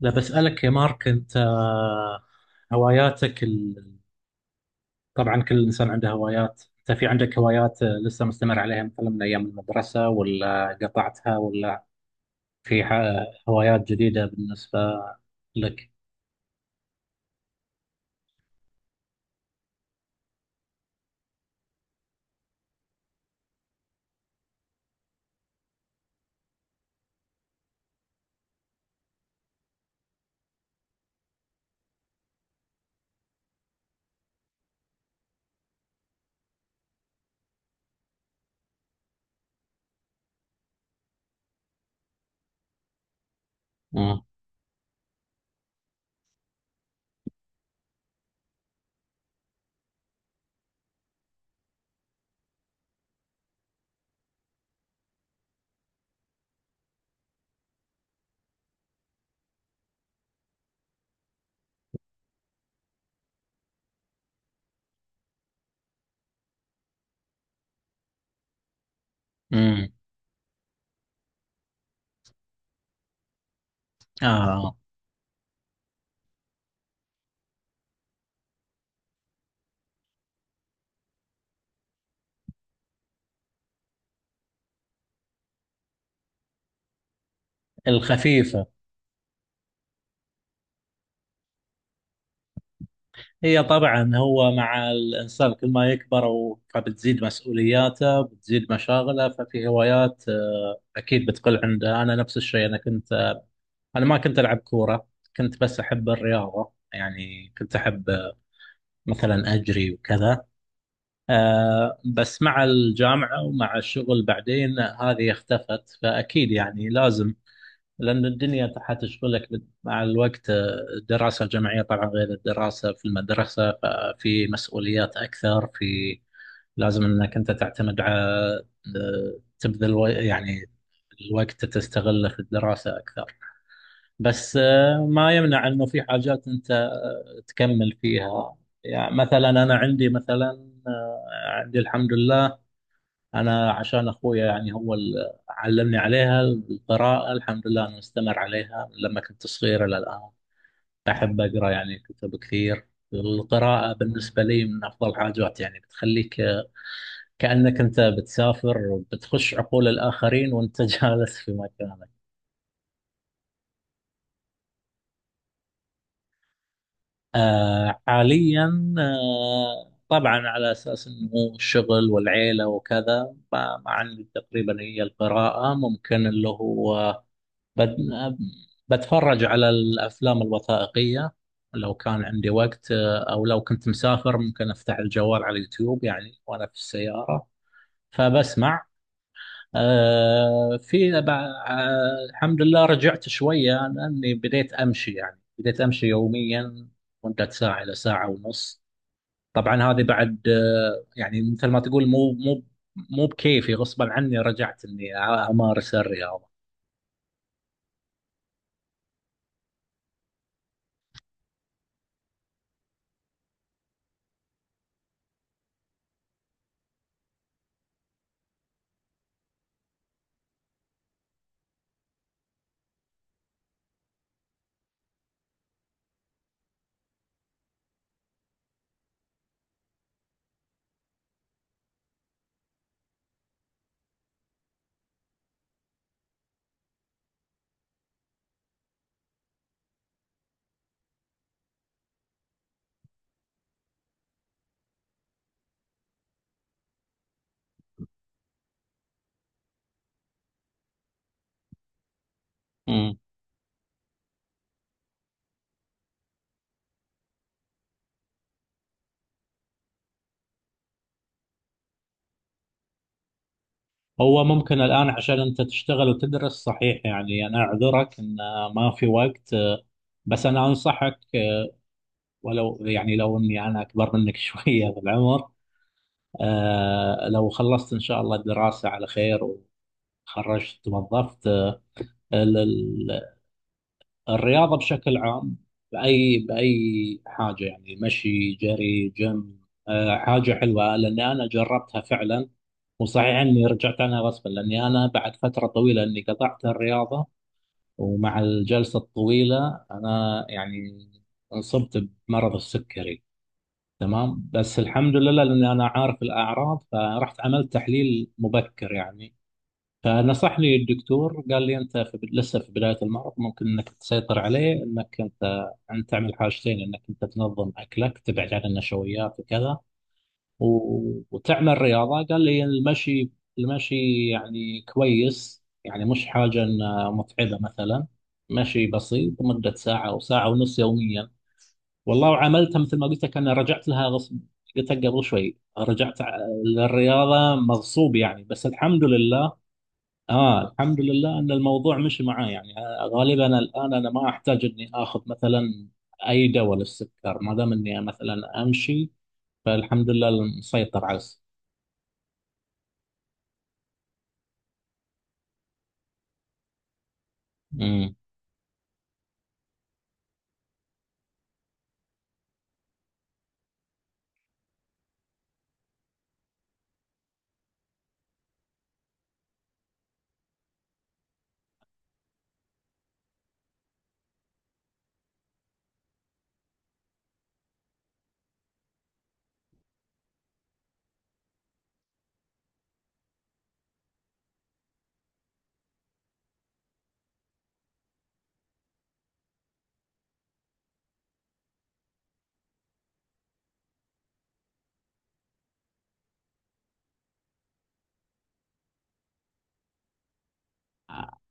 لا بسألك يا مارك أنت هواياتك طبعا كل إنسان عنده هوايات. أنت في عندك هوايات لسه مستمر عليها مثلا من أيام المدرسة ولا قطعتها ولا في هوايات جديدة بالنسبة لك. مم. مم. آه الخفيفة. هي طبعا هو مع الإنسان كل ما يكبر فبتزيد مسؤولياته بتزيد مشاغله ففي هوايات أكيد بتقل عنده. أنا نفس الشيء، أنا ما كنت ألعب كورة، كنت بس أحب الرياضة، يعني كنت أحب مثلا أجري وكذا. بس مع الجامعة ومع الشغل بعدين هذه اختفت، فأكيد يعني لازم، لأن الدنيا حتشغلك مع الوقت. الدراسة الجامعية طبعا غير الدراسة في المدرسة، ففي مسؤوليات أكثر، في لازم أنك أنت تعتمد على تبذل يعني الوقت تستغله في الدراسة أكثر. بس ما يمنع انه في حاجات انت تكمل فيها. يعني مثلا انا عندي، مثلا عندي الحمد لله، انا عشان اخويا يعني هو اللي علمني عليها القراءة، الحمد لله انا مستمر عليها من لما كنت صغير الى الان، احب اقرا يعني كتب كثير. القراءة بالنسبة لي من أفضل حاجات، يعني بتخليك كأنك أنت بتسافر، بتخش عقول الآخرين وأنت جالس في مكانك. آه حاليا آه طبعا على اساس انه الشغل والعيله وكذا، ما عندي تقريبا، هي القراءه، ممكن اللي هو بد بتفرج على الافلام الوثائقيه. لو كان عندي وقت او لو كنت مسافر، ممكن افتح الجوال على اليوتيوب يعني وانا في السياره فبسمع. آه في الحمد لله رجعت شوية، لأني بديت أمشي، يعني بديت أمشي يوميا مدة ساعة إلى ساعة ونص. طبعا هذه بعد آه، يعني مثل ما تقول، مو بكيفي، غصبا عني رجعت إني أمارس الرياضة. مم. هو ممكن الآن عشان أنت تشتغل وتدرس، صحيح، يعني أنا أعذرك إن ما في وقت، بس أنا أنصحك، ولو يعني لو إني أنا أكبر منك شوية بالعمر. لو خلصت إن شاء الله الدراسة على خير وتخرجت توظفت، ال- ال- الرياضة بشكل عام، بأي حاجة يعني مشي، جري، جيم، حاجة حلوة. لأن أنا جربتها فعلا، وصحيح اني رجعت عنها غصبا لاني انا بعد فتره طويله اني قطعت الرياضه، ومع الجلسه الطويله انا يعني انصبت بمرض السكري. تمام، بس الحمد لله لأن أنا عارف الأعراض، فرحت عملت تحليل مبكر يعني، فنصحني الدكتور قال لي أنت في لسه في بداية المرض، ممكن أنك تسيطر عليه، أنك أنت أن تعمل حاجتين: أنك أنت تنظم أكلك تبعد عن النشويات وكذا، و... وتعمل رياضة. قال لي المشي، المشي يعني كويس، يعني مش حاجة متعبة مثلا، مشي بسيط مدة ساعة أو ساعة ونص يوميا. والله وعملتها مثل ما قلت لك، انا رجعت لها غصب، قلت لك قبل شوي، رجعت للرياضه مغصوب يعني، بس الحمد لله. اه الحمد لله ان الموضوع مشي معي يعني، غالبا الان انا ما احتاج اني اخذ مثلا اي دواء للسكر ما دام اني مثلا امشي، فالحمد لله مسيطر على السكر. أمم.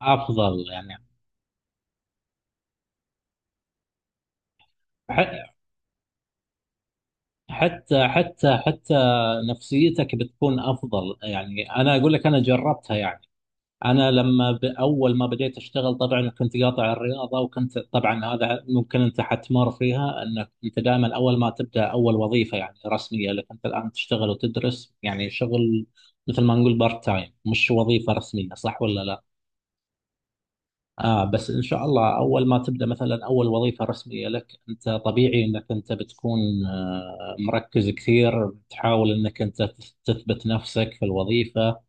افضل يعني. ح- حتى نفسيتك بتكون افضل يعني، انا اقول لك انا جربتها يعني، انا لما اول ما بديت اشتغل طبعا كنت قاطع الرياضه، وكنت طبعا هذا ممكن انت حتمر فيها، انك انت دائما اول ما تبدا اول وظيفه يعني رسميه لك، انت الان تشتغل وتدرس يعني شغل مثل ما نقول بارت تايم، مش وظيفه رسميه، صح ولا لا؟ اه بس ان شاء الله اول ما تبدا مثلا اول وظيفه رسميه لك، انت طبيعي انك انت بتكون مركز كثير، بتحاول انك انت تثبت نفسك في الوظيفه،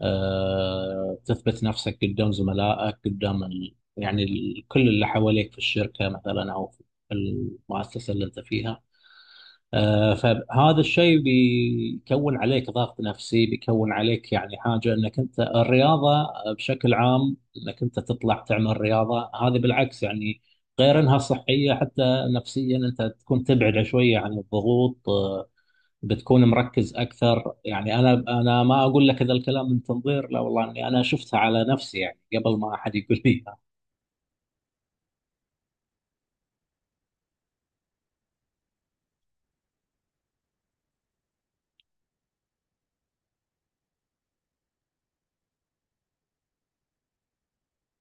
تثبت نفسك قدام زملائك، قدام يعني كل اللي حواليك في الشركة مثلا أو في المؤسسة اللي أنت فيها. فهذا الشيء بيكون عليك ضغط نفسي، بيكون عليك يعني حاجة أنك أنت الرياضة بشكل عام، أنك أنت تطلع تعمل رياضة، هذه بالعكس يعني، غير أنها صحية حتى نفسيا أنت تكون تبعد شوية عن الضغوط. بتكون مركز اكثر يعني، انا ما اقول لك هذا الكلام من تنظير، لا والله اني انا شفتها على نفسي يعني قبل ما احد يقول لي إياها.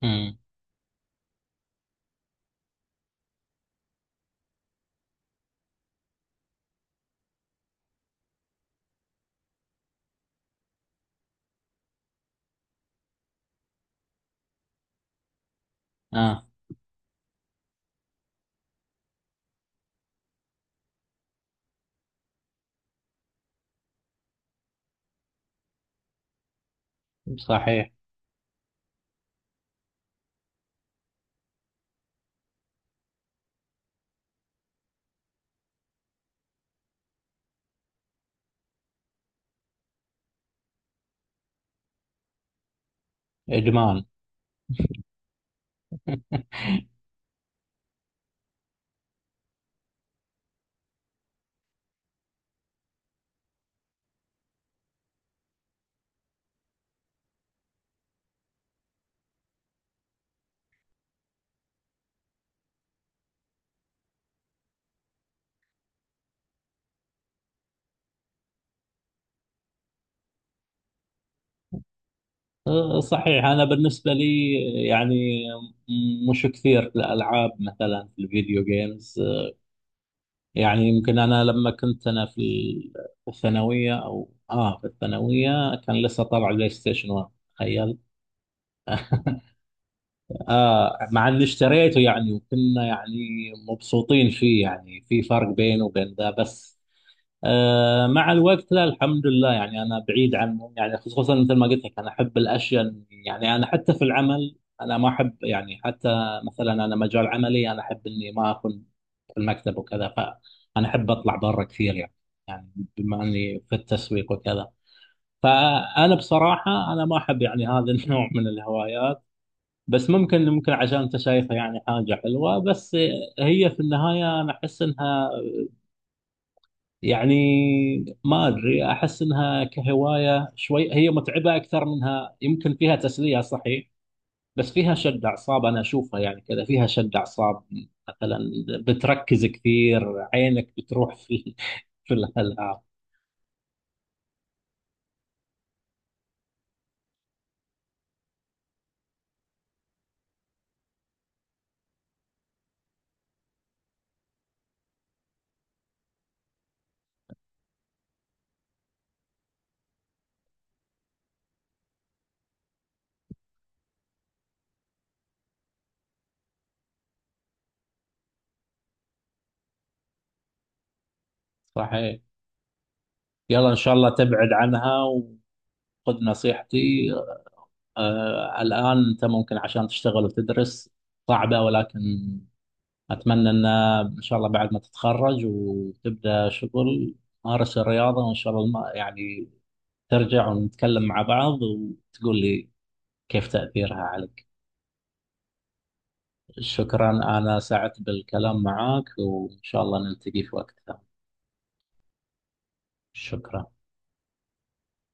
امم. اه صحيح. ادمان. صحيح. انا بالنسبه لي يعني مش كثير في الالعاب مثلا في الفيديو جيمز، يعني يمكن انا لما كنت انا في الثانويه او اه في الثانويه كان لسه طالع بلاي ستيشن 1، تخيل. آه مع اللي اشتريته يعني، وكنا يعني مبسوطين فيه يعني، في فرق بينه وبين ذا. بس آه مع الوقت لا الحمد لله يعني أنا بعيد عنهم، يعني خصوصا مثل ما قلت لك أنا أحب الأشياء، يعني أنا حتى في العمل أنا ما أحب يعني حتى مثلا، أنا مجال عملي أنا أحب إني ما أكون في المكتب وكذا، فأنا أحب أطلع برا كثير يعني، يعني بما إني في التسويق وكذا. فأنا بصراحة أنا ما أحب يعني هذا النوع من الهوايات. بس ممكن، ممكن عشان انت شايفها يعني حاجة حلوة، بس هي في النهاية انا احس انها يعني ما ادري، احس انها كهواية شوي هي متعبة اكثر منها، يمكن فيها تسلية صحيح، بس فيها شد اعصاب، انا اشوفها يعني كذا فيها شد اعصاب مثلا. بتركز كثير، عينك بتروح في في الالعاب. صحيح. يلا ان شاء الله تبعد عنها، وخذ نصيحتي. آه الان انت ممكن عشان تشتغل وتدرس صعبة، ولكن أتمنى أن إن شاء الله بعد ما تتخرج وتبدأ شغل، مارس الرياضة، وإن شاء الله يعني ترجع ونتكلم مع بعض وتقول لي كيف تأثيرها عليك. شكرا. أنا سعدت بالكلام معك وإن شاء الله نلتقي في وقت ثاني. شكرا.